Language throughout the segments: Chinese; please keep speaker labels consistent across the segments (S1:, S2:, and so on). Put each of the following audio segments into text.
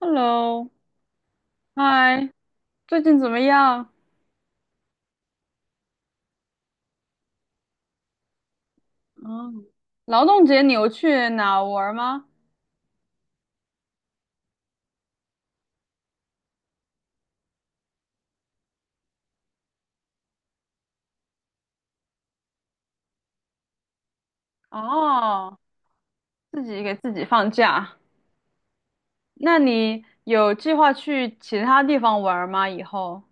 S1: Hello，嗨，最近怎么样？嗯，劳动节你有去哪玩儿吗？哦，自己给自己放假。那你有计划去其他地方玩儿吗？以后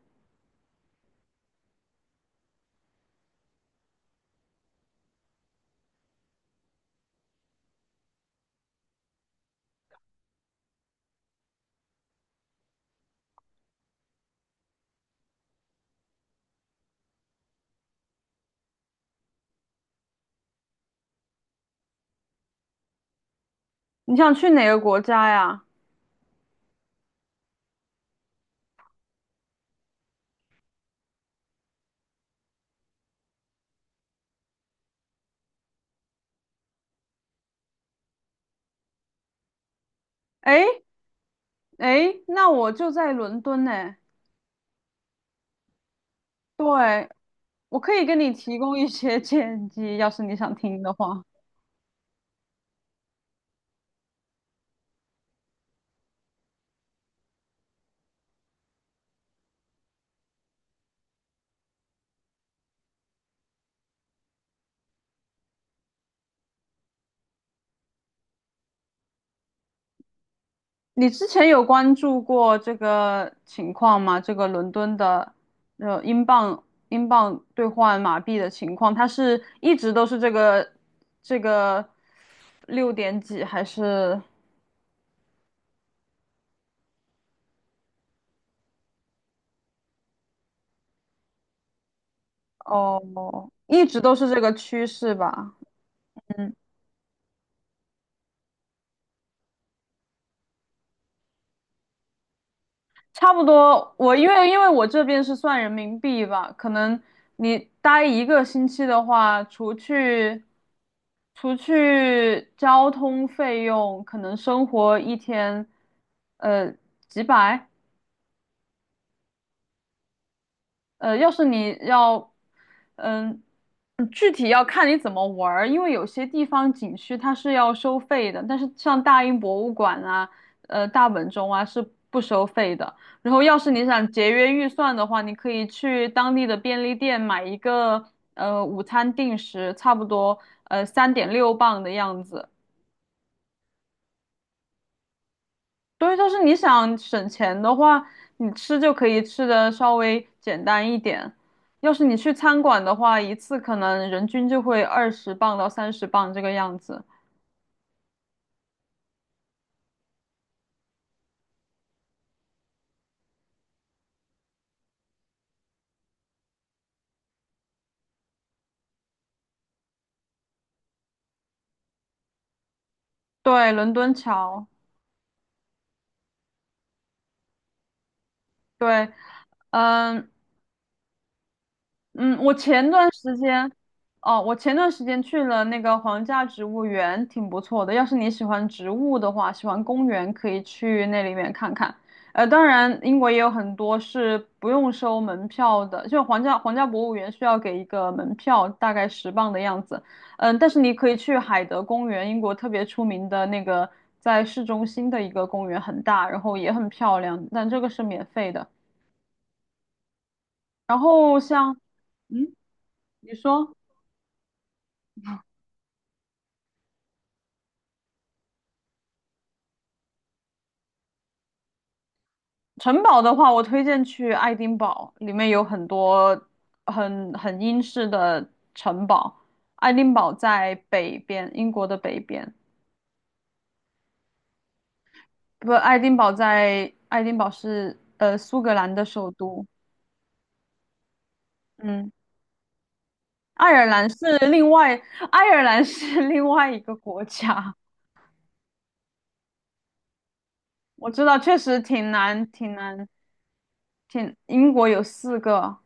S1: 你想去哪个国家呀？诶诶，那我就在伦敦呢。对，我可以给你提供一些 建议，要是你想听的话。你之前有关注过这个情况吗？这个伦敦的呃英镑英镑兑换马币的情况，它是一直都是这个六点几，还是哦，一直都是这个趋势吧？嗯。差不多，我因为我这边是算人民币吧，可能你待一个星期的话，除去交通费用，可能生活一天，呃，几百，要是你要，嗯，具体要看你怎么玩儿，因为有些地方景区它是要收费的，但是像大英博物馆啊，大本钟啊是不收费的。然后，要是你想节约预算的话，你可以去当地的便利店买一个午餐定时，差不多3.6磅的样子，对，就是你想省钱的话，你吃就可以吃的稍微简单一点。要是你去餐馆的话，一次可能人均就会20磅到30磅这个样子。对，伦敦桥，对，嗯，嗯，我前段时间去了那个皇家植物园，挺不错的。要是你喜欢植物的话，喜欢公园，可以去那里面看看。当然，英国也有很多是不用收门票的，就皇家博物园需要给一个门票，大概十磅的样子。嗯，但是你可以去海德公园，英国特别出名的那个，在市中心的一个公园，很大，然后也很漂亮，但这个是免费的。然后像，嗯，你说。城堡的话，我推荐去爱丁堡，里面有很多很英式的城堡。爱丁堡在北边，英国的北边。不，爱丁堡是苏格兰的首都。嗯，爱尔兰是另外，爱尔兰是 另外一个国家。我知道，确实挺难，挺难，英国有四个，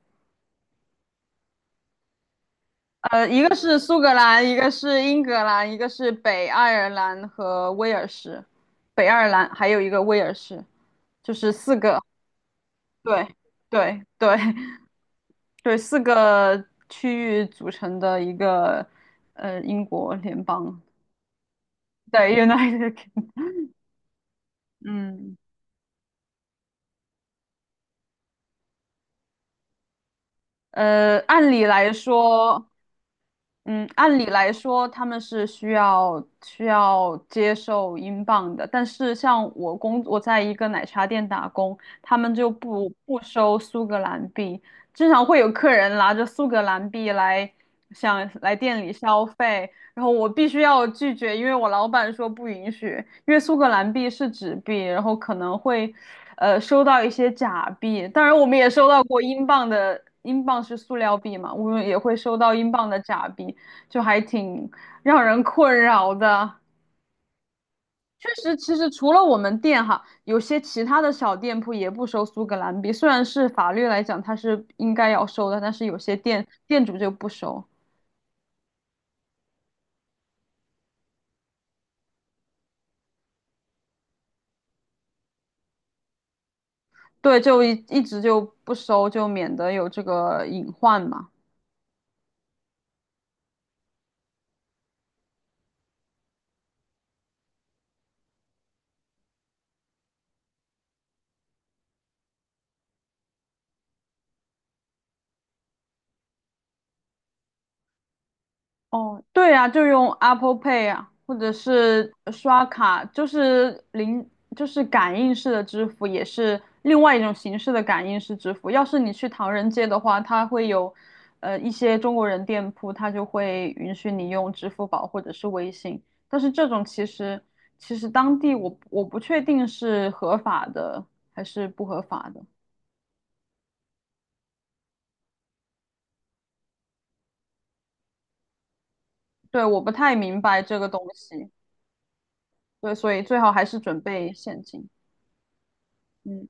S1: 一个是苏格兰，一个是英格兰，一个是北爱尔兰和威尔士，北爱尔兰还有一个威尔士，就是四个，对，对，对，对，四个区域组成的一个英国联邦，对，United Kingdom。嗯，呃，按理来说，嗯，按理来说他们是需要接受英镑的，但是像我在一个奶茶店打工，他们就不收苏格兰币，经常会有客人拿着苏格兰币来想来店里消费，然后我必须要拒绝，因为我老板说不允许，因为苏格兰币是纸币，然后可能会收到一些假币，当然我们也收到过英镑的，英镑是塑料币嘛，我们也会收到英镑的假币。就还挺让人困扰的。确实，其实除了我们店哈，有些其他的小店铺也不收苏格兰币，虽然是法律来讲它是应该要收的，但是有些店主就不收，对，就一直就不收，就免得有这个隐患嘛。哦，对呀，就用 Apple Pay 啊，或者是刷卡，就是零，就是感应式的支付，也是另外一种形式的感应式支付。要是你去唐人街的话，它会有，一些中国人店铺，它就会允许你用支付宝或者是微信。但是这种其实，当地我不确定是合法的还是不合法的，对，我不太明白这个东西，对，所以最好还是准备现金。嗯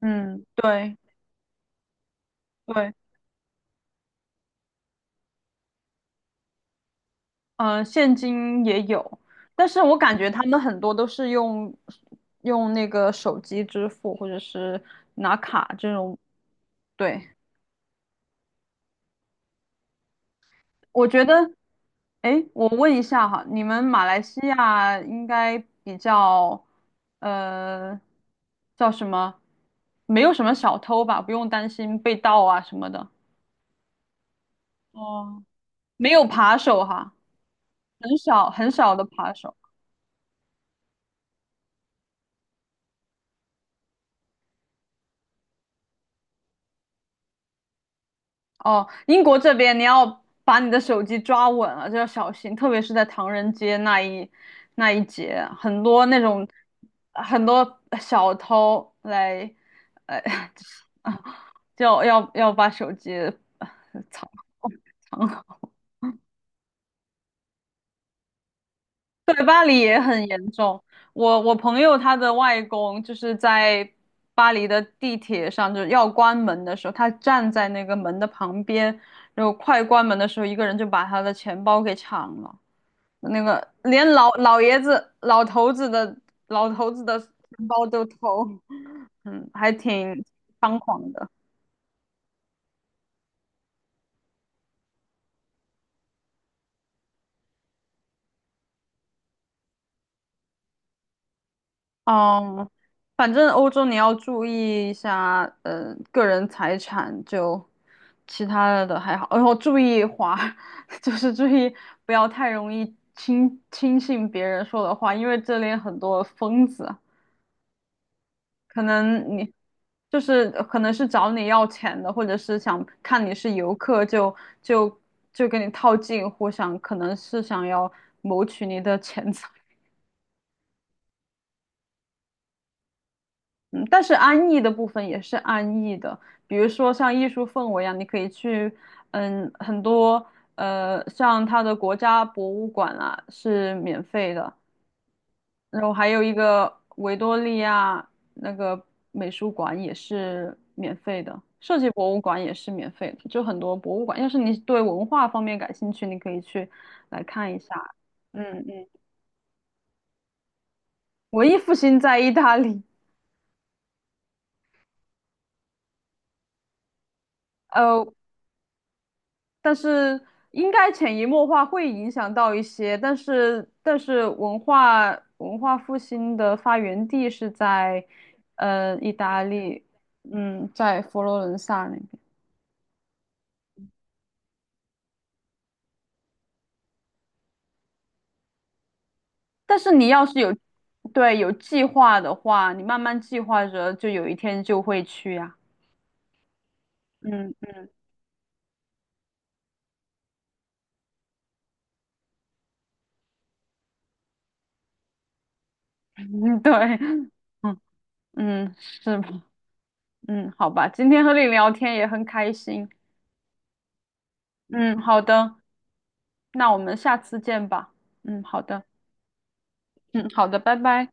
S1: 嗯，对。对，现金也有，但是我感觉他们很多都是用那个手机支付，或者是拿卡这种。对，我觉得，哎，我问一下哈，你们马来西亚应该比较，呃，叫什么？没有什么小偷吧，不用担心被盗啊什么的。哦，没有扒手哈，很少很少的扒手。哦，英国这边你要把你的手机抓稳了，就要小心，特别是在唐人街那一节，很多那种很多小偷来，呃，啊就要把手机藏藏好。对，巴黎也很严重。我朋友他的外公就是在巴黎的地铁上，就是要关门的时候，他站在那个门的旁边，然后快关门的时候，一个人就把他的钱包给抢了。那个连老爷子、老头子的钱包都偷，嗯，还挺猖狂的。嗯，反正欧洲你要注意一下，个人财产就其他的还好，然后注意花，就是注意不要太容易轻信别人说的话，因为这里很多疯子。可能你就是可能是找你要钱的，或者是想看你是游客就就跟你套近乎，想可能是想要谋取你的钱财。嗯，但是安逸的部分也是安逸的，比如说像艺术氛围啊，你可以去，嗯，很多像它的国家博物馆啊是免费的，然后还有一个维多利亚那个美术馆也是免费的，设计博物馆也是免费的，就很多博物馆。要是你对文化方面感兴趣，你可以去来看一下。嗯嗯，文艺复兴在意大利，呃，但是应该潜移默化会影响到一些，但是文化复兴的发源地是在意大利，嗯，在佛罗伦萨那边。但是你要是有，对，有计划的话，你慢慢计划着，就有一天就会去呀、嗯嗯 嗯，对，嗯嗯，是吧？嗯，好吧，今天和你聊天也很开心。嗯，好的，那我们下次见吧。嗯，好的，嗯，好的，拜拜。